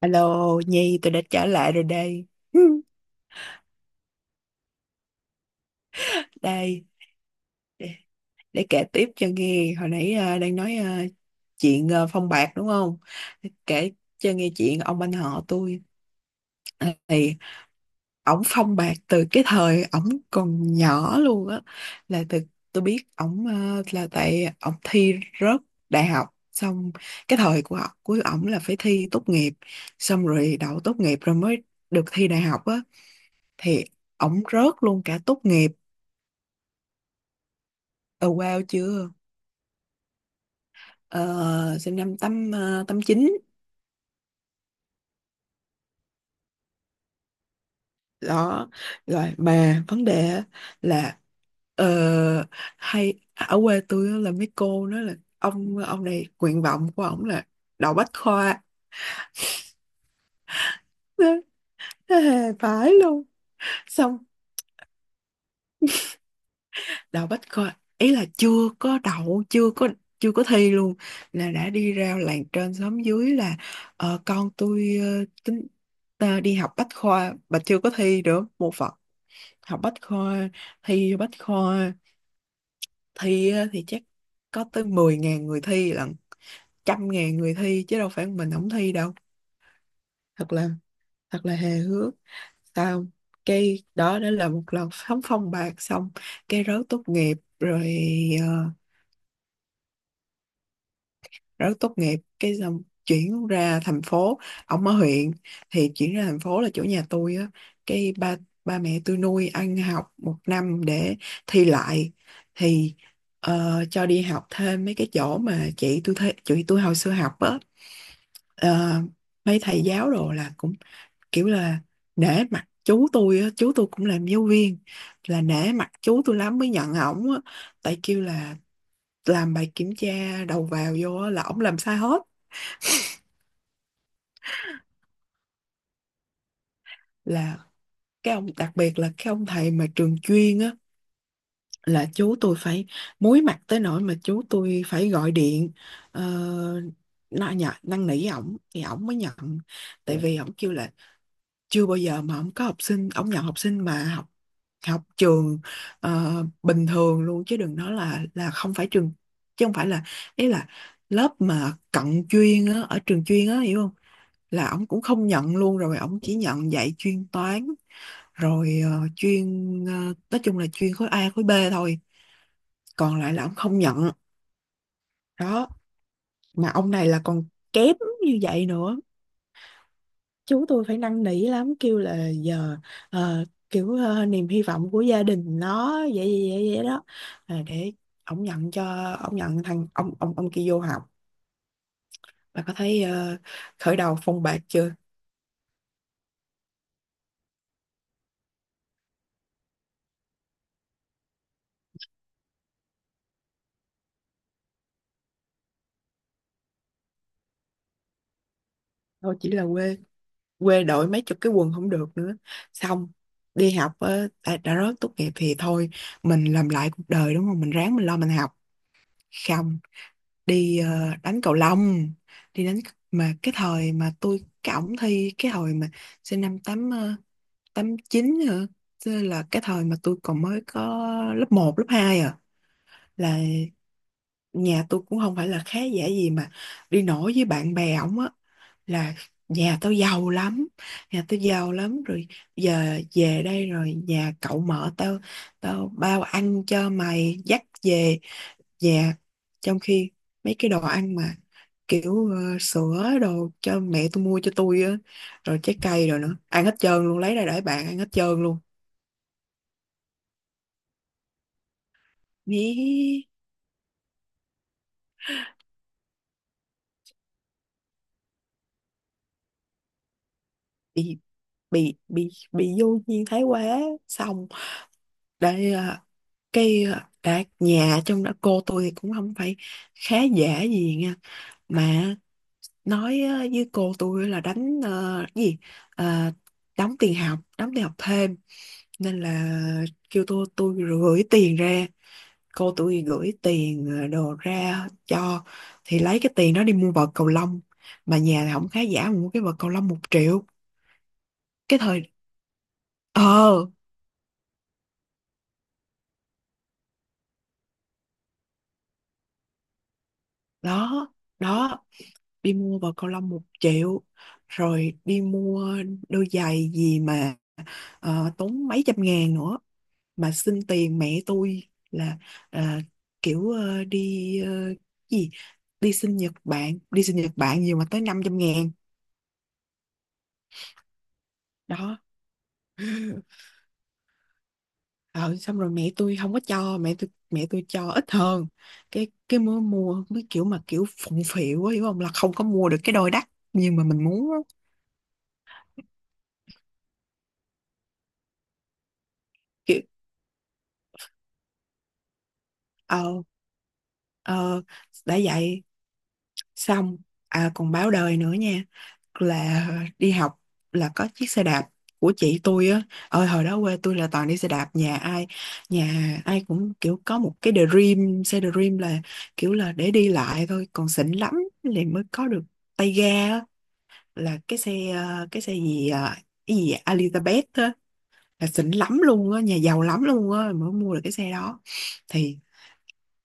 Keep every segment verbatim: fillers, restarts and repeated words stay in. Alo Nhi, tôi đã trở lại rồi đây. Đây để, để kể tiếp cho nghe. Hồi nãy ờ, đang nói ờ, chuyện ờ, phong bạc đúng không? Kể cho nghe chuyện ông anh họ tôi. Ờ, thì ổng phong bạc từ cái thời ổng còn nhỏ luôn á. Là từ tôi biết ổng, ờ, là tại ổng thi rớt đại học xong. Cái thời của ổng, của ổng là phải thi tốt nghiệp xong rồi đậu tốt nghiệp rồi mới được thi đại học á. Thì ổng rớt luôn cả tốt nghiệp. ờ wow chưa? ờ, Sinh năm tám ờ, tám chín. Đó, rồi mà vấn đề á là, ờ, hay à, ở quê tôi á là mấy cô nói là ông ông này nguyện vọng của ổng là đậu bách khoa. Hề phải luôn. Xong đậu bách khoa, ý là chưa có đậu, chưa có chưa có thi luôn, là đã đi ra làng trên xóm dưới là, ờ, con tôi ờ, tính ta đi học bách khoa mà chưa có thi được một phật. Học bách khoa, thi bách khoa. Thi á, thì chắc có tới mười ngàn người thi lận, trăm ngàn người thi chứ đâu phải mình không thi đâu. thật là Thật là hề hước sao. Cái đó đó là một lần sóng phong bạc. Xong cái rớt tốt nghiệp rồi. ờ, Rất tốt nghiệp cái xong chuyển ra thành phố. Ổng ở huyện thì chuyển ra thành phố là chỗ nhà tôi á. Cái ba ba mẹ tôi nuôi ăn học một năm để thi lại. Thì ờ, cho đi học thêm mấy cái chỗ mà chị tôi thấy, chị tôi hồi xưa học á. Ờ, Mấy thầy giáo đồ là cũng kiểu là nể mặt chú tôi á. Chú tôi cũng làm giáo viên, là nể mặt chú tôi lắm mới nhận ổng á. Tại kêu là làm bài kiểm tra đầu vào vô á, là ổng làm sai hết. Là cái ông đặc biệt là cái ông thầy mà trường chuyên á, là chú tôi phải muối mặt tới nỗi mà chú tôi phải gọi điện ờ, nó nhận năn nỉ ổng thì ổng mới nhận. Tại vì ổng kêu là chưa bao giờ mà ổng có học sinh ổng nhận học sinh mà học học trường ờ, bình thường luôn, chứ đừng nói là là không phải trường, chứ không phải là, ý là lớp mà cận chuyên á ở trường chuyên á, hiểu không? Là ổng cũng không nhận luôn, rồi ổng chỉ nhận dạy chuyên toán, rồi ờ, chuyên ờ, nói chung là chuyên khối A khối B thôi, còn lại là ổng không nhận. Đó, mà ông này là còn kém như vậy nữa. Chú tôi phải năn nỉ lắm, kêu là giờ ờ, kiểu ờ, niềm hy vọng của gia đình nó vậy vậy vậy, vậy đó. Ờ, để ổng nhận, cho ổng nhận thằng ông ông ông kia vô học. Bà có thấy ờ, khởi đầu phong bạc chưa? Thôi, chỉ là quê, quê đội mấy chục cái quần không được nữa. Xong đi học á, đã, đã rớt tốt nghiệp thì thôi, mình làm lại cuộc đời đúng không? Mình ráng mình lo mình học. Không, đi ờ, đánh cầu lông. Đi đánh. Mà cái thời mà tôi cái ổng thi cái hồi mà sinh năm tám ờ, tám chín hả? Chứ là cái thời mà tôi còn mới có lớp một lớp hai à, là nhà tôi cũng không phải là khá giả gì mà đi nổi với bạn bè ổng á. Là nhà tao giàu lắm, nhà tao giàu lắm rồi giờ về đây rồi nhà cậu mở, tao tao bao ăn cho, mày dắt về nhà. Trong khi mấy cái đồ ăn mà kiểu ờ, sữa đồ cho mẹ tôi mua cho tôi á, rồi trái cây rồi nữa, ăn hết trơn luôn, lấy ra để bạn ăn hết trơn luôn. Ý, bị bị bị bị vô duyên thái quá. Xong để ờ, cái ờ, đã, nhà trong đó cô tôi thì cũng không phải khá giả gì nha. Mà nói ờ, với cô tôi là đánh ờ, cái gì Ờ, đóng tiền học đóng tiền học thêm. Nên là kêu tôi, tôi gửi tiền ra, cô tôi gửi tiền ờ, đồ ra cho. Thì lấy cái tiền đó đi mua vợt cầu lông, mà nhà là không khá giả mà mua cái vợt cầu lông một triệu. Cái thời ờ đó. đó Đi mua vợt cầu lông một triệu, rồi đi mua đôi giày gì mà ờ, tốn mấy trăm ngàn nữa. Mà xin tiền mẹ tôi là à, kiểu ờ, đi ờ, gì đi sinh Nhật Bản, đi sinh Nhật Bản nhiều mà tới năm trăm ngàn. Đó. ờ, Xong rồi mẹ tôi không có cho, mẹ tôi mẹ tôi cho ít hơn. Cái cái mới mua mới kiểu, mà kiểu phụng phịu á hiểu không, là không có mua được cái đôi đắt nhưng mà mình muốn á. Kiểu ờ ờ đã vậy. Xong à, còn báo đời nữa nha. Là đi học là có chiếc xe đạp của chị tôi á. Ơi hồi đó quê tôi là toàn đi xe đạp, nhà ai nhà ai cũng kiểu có một cái Dream, xe Dream là kiểu là để đi lại thôi, còn xịn lắm thì mới có được tay ga á, là cái xe, ờ, cái xe gì ờ, cái gì Elizabeth á, là xịn lắm luôn á, nhà giàu lắm luôn á mới mua được cái xe đó. Thì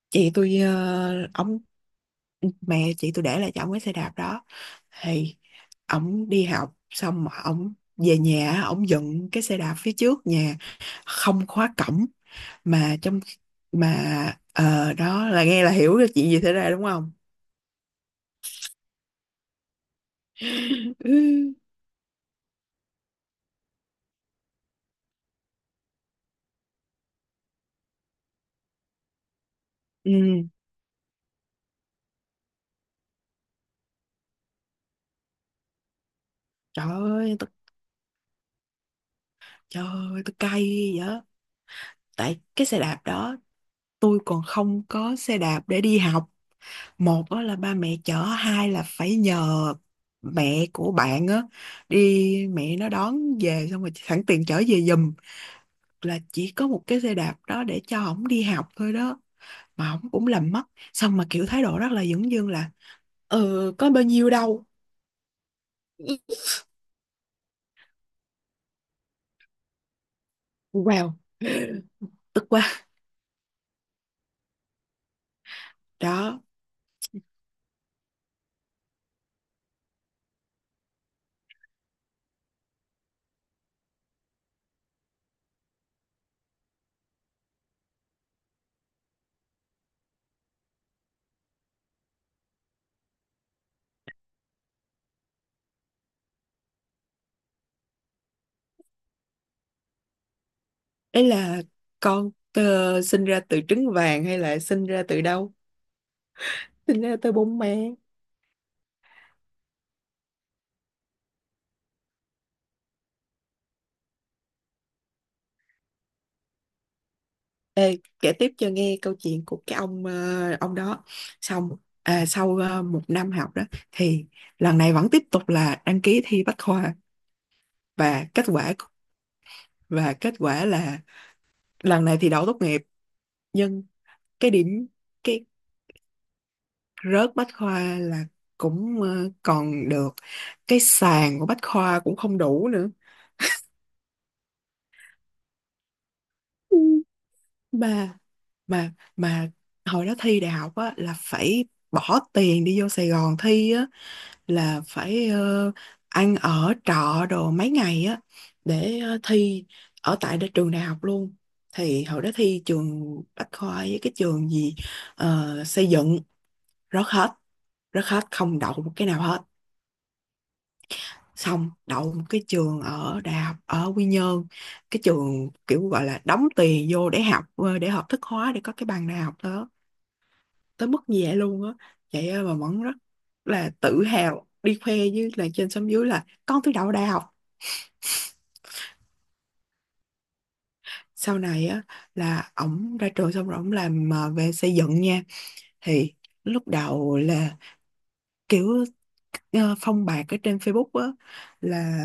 chị tôi uh, mẹ chị tôi để lại cho ổng cái xe đạp đó. Thì ổng đi học xong mà ổng về nhà, ổng dựng cái xe đạp phía trước nhà không khóa cổng. Mà trong mà ờ Đó là nghe là hiểu được chuyện gì xảy ra đúng không. Ừ, ừ. trời ơi tôi, Trời ơi tôi cay vậy á. Tại cái xe đạp đó, tôi còn không có xe đạp để đi học. Một á là ba mẹ chở, hai là phải nhờ mẹ của bạn á, đi mẹ nó đón về xong rồi sẵn tiền chở về giùm. Là chỉ có một cái xe đạp đó để cho ổng đi học thôi đó, mà ổng cũng làm mất. Xong mà kiểu thái độ rất là dửng dưng là ừ có bao nhiêu đâu. Wow. Tức quá. đó Ấy là con ờ, sinh ra từ trứng vàng hay là sinh ra từ đâu, sinh ra từ bông mẹ. Ê, kể tiếp cho nghe câu chuyện của cái ông ờ, ông đó. Xong à, sau ờ, một năm học đó thì lần này vẫn tiếp tục là đăng ký thi Bách khoa. và kết quả và kết quả là lần này thì đậu tốt nghiệp. Nhưng cái điểm, cái rớt Bách khoa là cũng ờ, còn được, cái sàn của Bách khoa cũng không đủ nữa. Ừ. mà mà mà hồi đó thi đại học á là phải bỏ tiền đi vô Sài Gòn thi, là phải ờ, ăn ở trọ đồ mấy ngày á để ờ, thi ở tại đ- trường đại học luôn. Thì hồi đó thi trường Bách Khoa với cái trường gì, ờ, xây dựng. rớt hết Rớt hết, không đậu một cái nào hết. Xong đậu một cái trường ở đại học ở Quy Nhơn, cái trường kiểu gọi là đóng tiền vô để học, ờ, để học thức hóa để có cái bằng đại học đó. Tới mức như vậy luôn á. Vậy á mà vẫn rất là tự hào đi khoe với là trên xóm dưới là con tôi đậu đại học. Sau này á là ổng ra trường xong rồi ổng làm ờ, về xây dựng nha. Thì lúc đầu là kiểu ờ, phong bạc ở trên Facebook á, là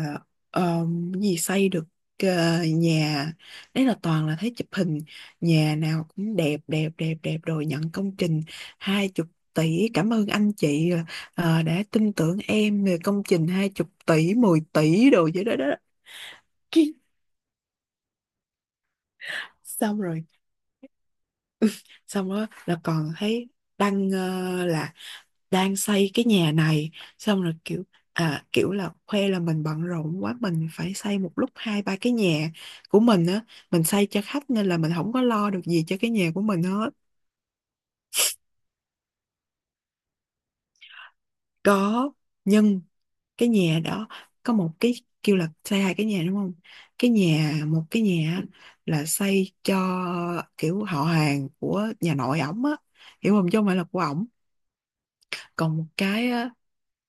ờ, cái gì xây được ờ, nhà. Đấy là toàn là thấy chụp hình, nhà nào cũng đẹp đẹp đẹp đẹp, rồi nhận công trình hai chục tỷ, cảm ơn anh chị ờ, đã tin tưởng em về công trình hai chục tỷ, mười tỷ đồ vậy đó đó. xong rồi Xong đó là còn thấy đăng, ờ, là đang xây cái nhà này. Xong rồi kiểu à, kiểu là khoe là mình bận rộn quá, mình phải xây một lúc hai ba cái nhà của mình á, mình xây cho khách nên là mình không có lo được gì cho cái nhà của mình hết. Có, nhưng cái nhà đó có một cái, kêu là xây hai cái nhà đúng không. Cái nhà Một cái nhà á, là xây cho kiểu họ hàng của nhà nội ổng á, hiểu không, chứ không phải là của ổng. Còn một cái á.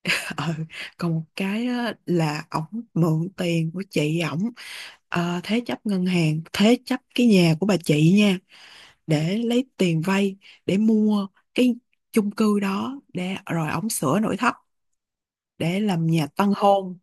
ờ, còn một cái á, Là ổng mượn tiền của chị ổng, ờ, thế chấp ngân hàng, thế chấp cái nhà của bà chị nha, để lấy tiền vay để mua cái chung cư Đó để rồi ổng sửa nội thất để làm nhà tân hôn.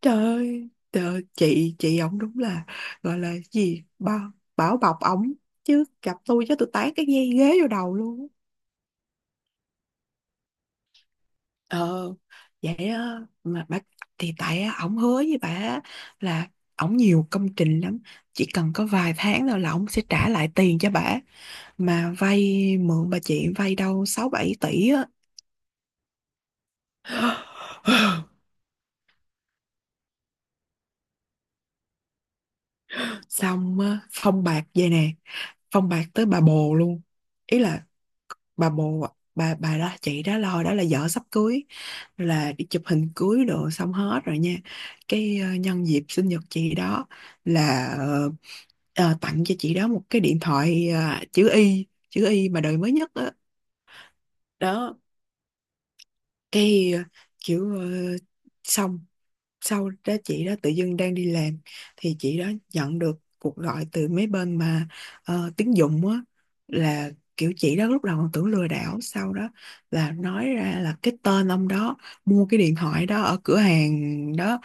Trời ơi trời ơi, chị chị ổng đúng là, gọi là gì, bao bảo bọc ổng, chứ gặp tôi chứ tôi tán cái dây ghế vô đầu luôn á. Ờ vậy á, mà bác thì tại á, ổng hứa với bà á là ổng nhiều công trình lắm, chỉ cần có vài tháng thôi là ổng sẽ trả lại tiền cho bà. Mà vay mượn bà chị vay đâu sáu bảy tỷ á. xong á, phong bạc vậy nè, phong bạc tới bà bồ luôn. Ý là bà bồ, bà bà đó, chị đó lo đó là vợ sắp cưới, là đi chụp hình cưới đồ xong hết rồi nha. Cái ờ, nhân dịp sinh nhật chị đó, là ờ, ờ, tặng cho chị đó một cái điện thoại, ờ, chữ Y chữ Y mà đời mới nhất đó. Đó cái ờ, kiểu ờ, xong sau đó chị đó tự dưng đang đi làm thì chị đó nhận được cuộc gọi từ mấy bên mà ờ, tín dụng á, là kiểu chị đó lúc đầu còn tưởng lừa đảo, sau đó là nói ra là cái tên ông đó mua cái điện thoại đó ở cửa hàng đó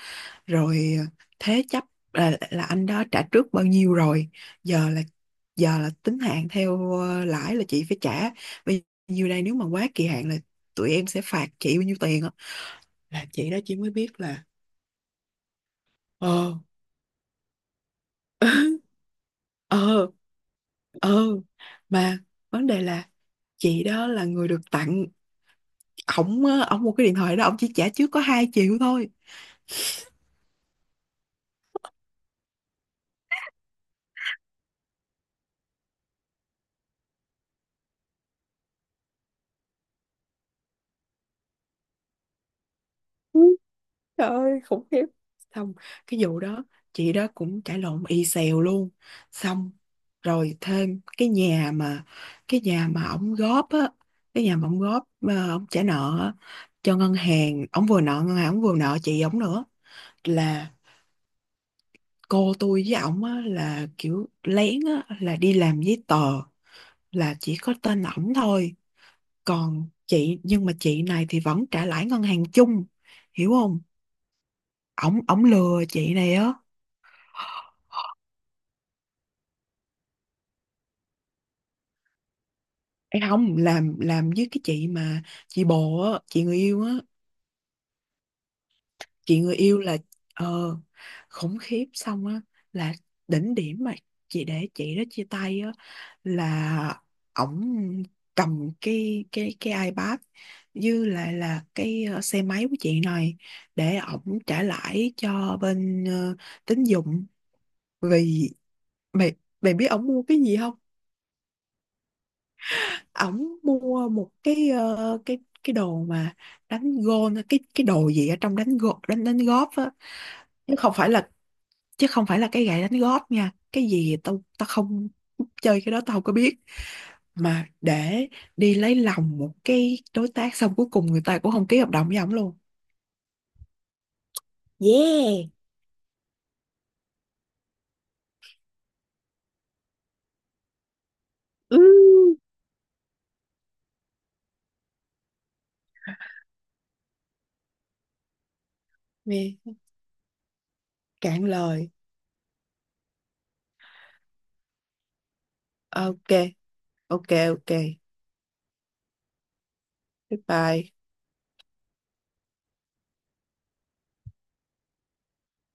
rồi ờ, thế chấp, là, là anh đó trả trước bao nhiêu rồi, giờ là giờ là tính hạn theo ờ, lãi, là chị phải trả bây nhiêu đây, nếu mà quá kỳ hạn là tụi em sẽ phạt chị bao nhiêu tiền á. Là chị đó chỉ mới biết là ờ. ờ ờ mà vấn đề là chị đó là người được tặng. Ổng á, ổng mua cái điện thoại đó ổng chỉ trả trước có hai triệu thôi. Ừ, trời ơi, khủng khiếp. Xong cái vụ đó chị đó cũng cãi lộn y xèo luôn. Xong rồi thêm cái nhà mà, cái nhà mà ổng góp á, cái nhà mà ổng góp mà ổng trả nợ á, cho ngân hàng, ổng vừa nợ ngân hàng, ổng vừa nợ chị ổng nữa, là cô tôi với ổng á là kiểu lén á là đi làm giấy tờ là chỉ có tên ổng thôi, còn chị, nhưng mà chị này thì vẫn trả lãi ngân hàng chung, hiểu không. Ổng ổng lừa chị này á. Ê không, làm làm với cái chị mà chị bồ á, chị người yêu á, chị người yêu, là ờ khủng khiếp. Xong á, là đỉnh điểm mà chị để chị đó chia tay á, là ổng cầm cái cái cái iPad như là là cái ờ, xe máy của chị này để ổng trả lãi cho bên ờ, tín dụng. Vì mày, mày biết ổng mua cái gì không? Ổng mua một cái ờ, cái cái đồ mà đánh gôn cái cái đồ gì ở trong đánh gôn, đánh đánh golf á, chứ không phải là, chứ không phải là cái gậy đánh golf nha. Cái gì tao tao không chơi cái đó tao không có biết. Mà để đi lấy lòng một cái đối tác, xong cuối cùng người ta cũng không ký hợp đồng với ổng luôn. Yeah. Ừ. Nghe cạn lời. Ok ok ok. Goodbye.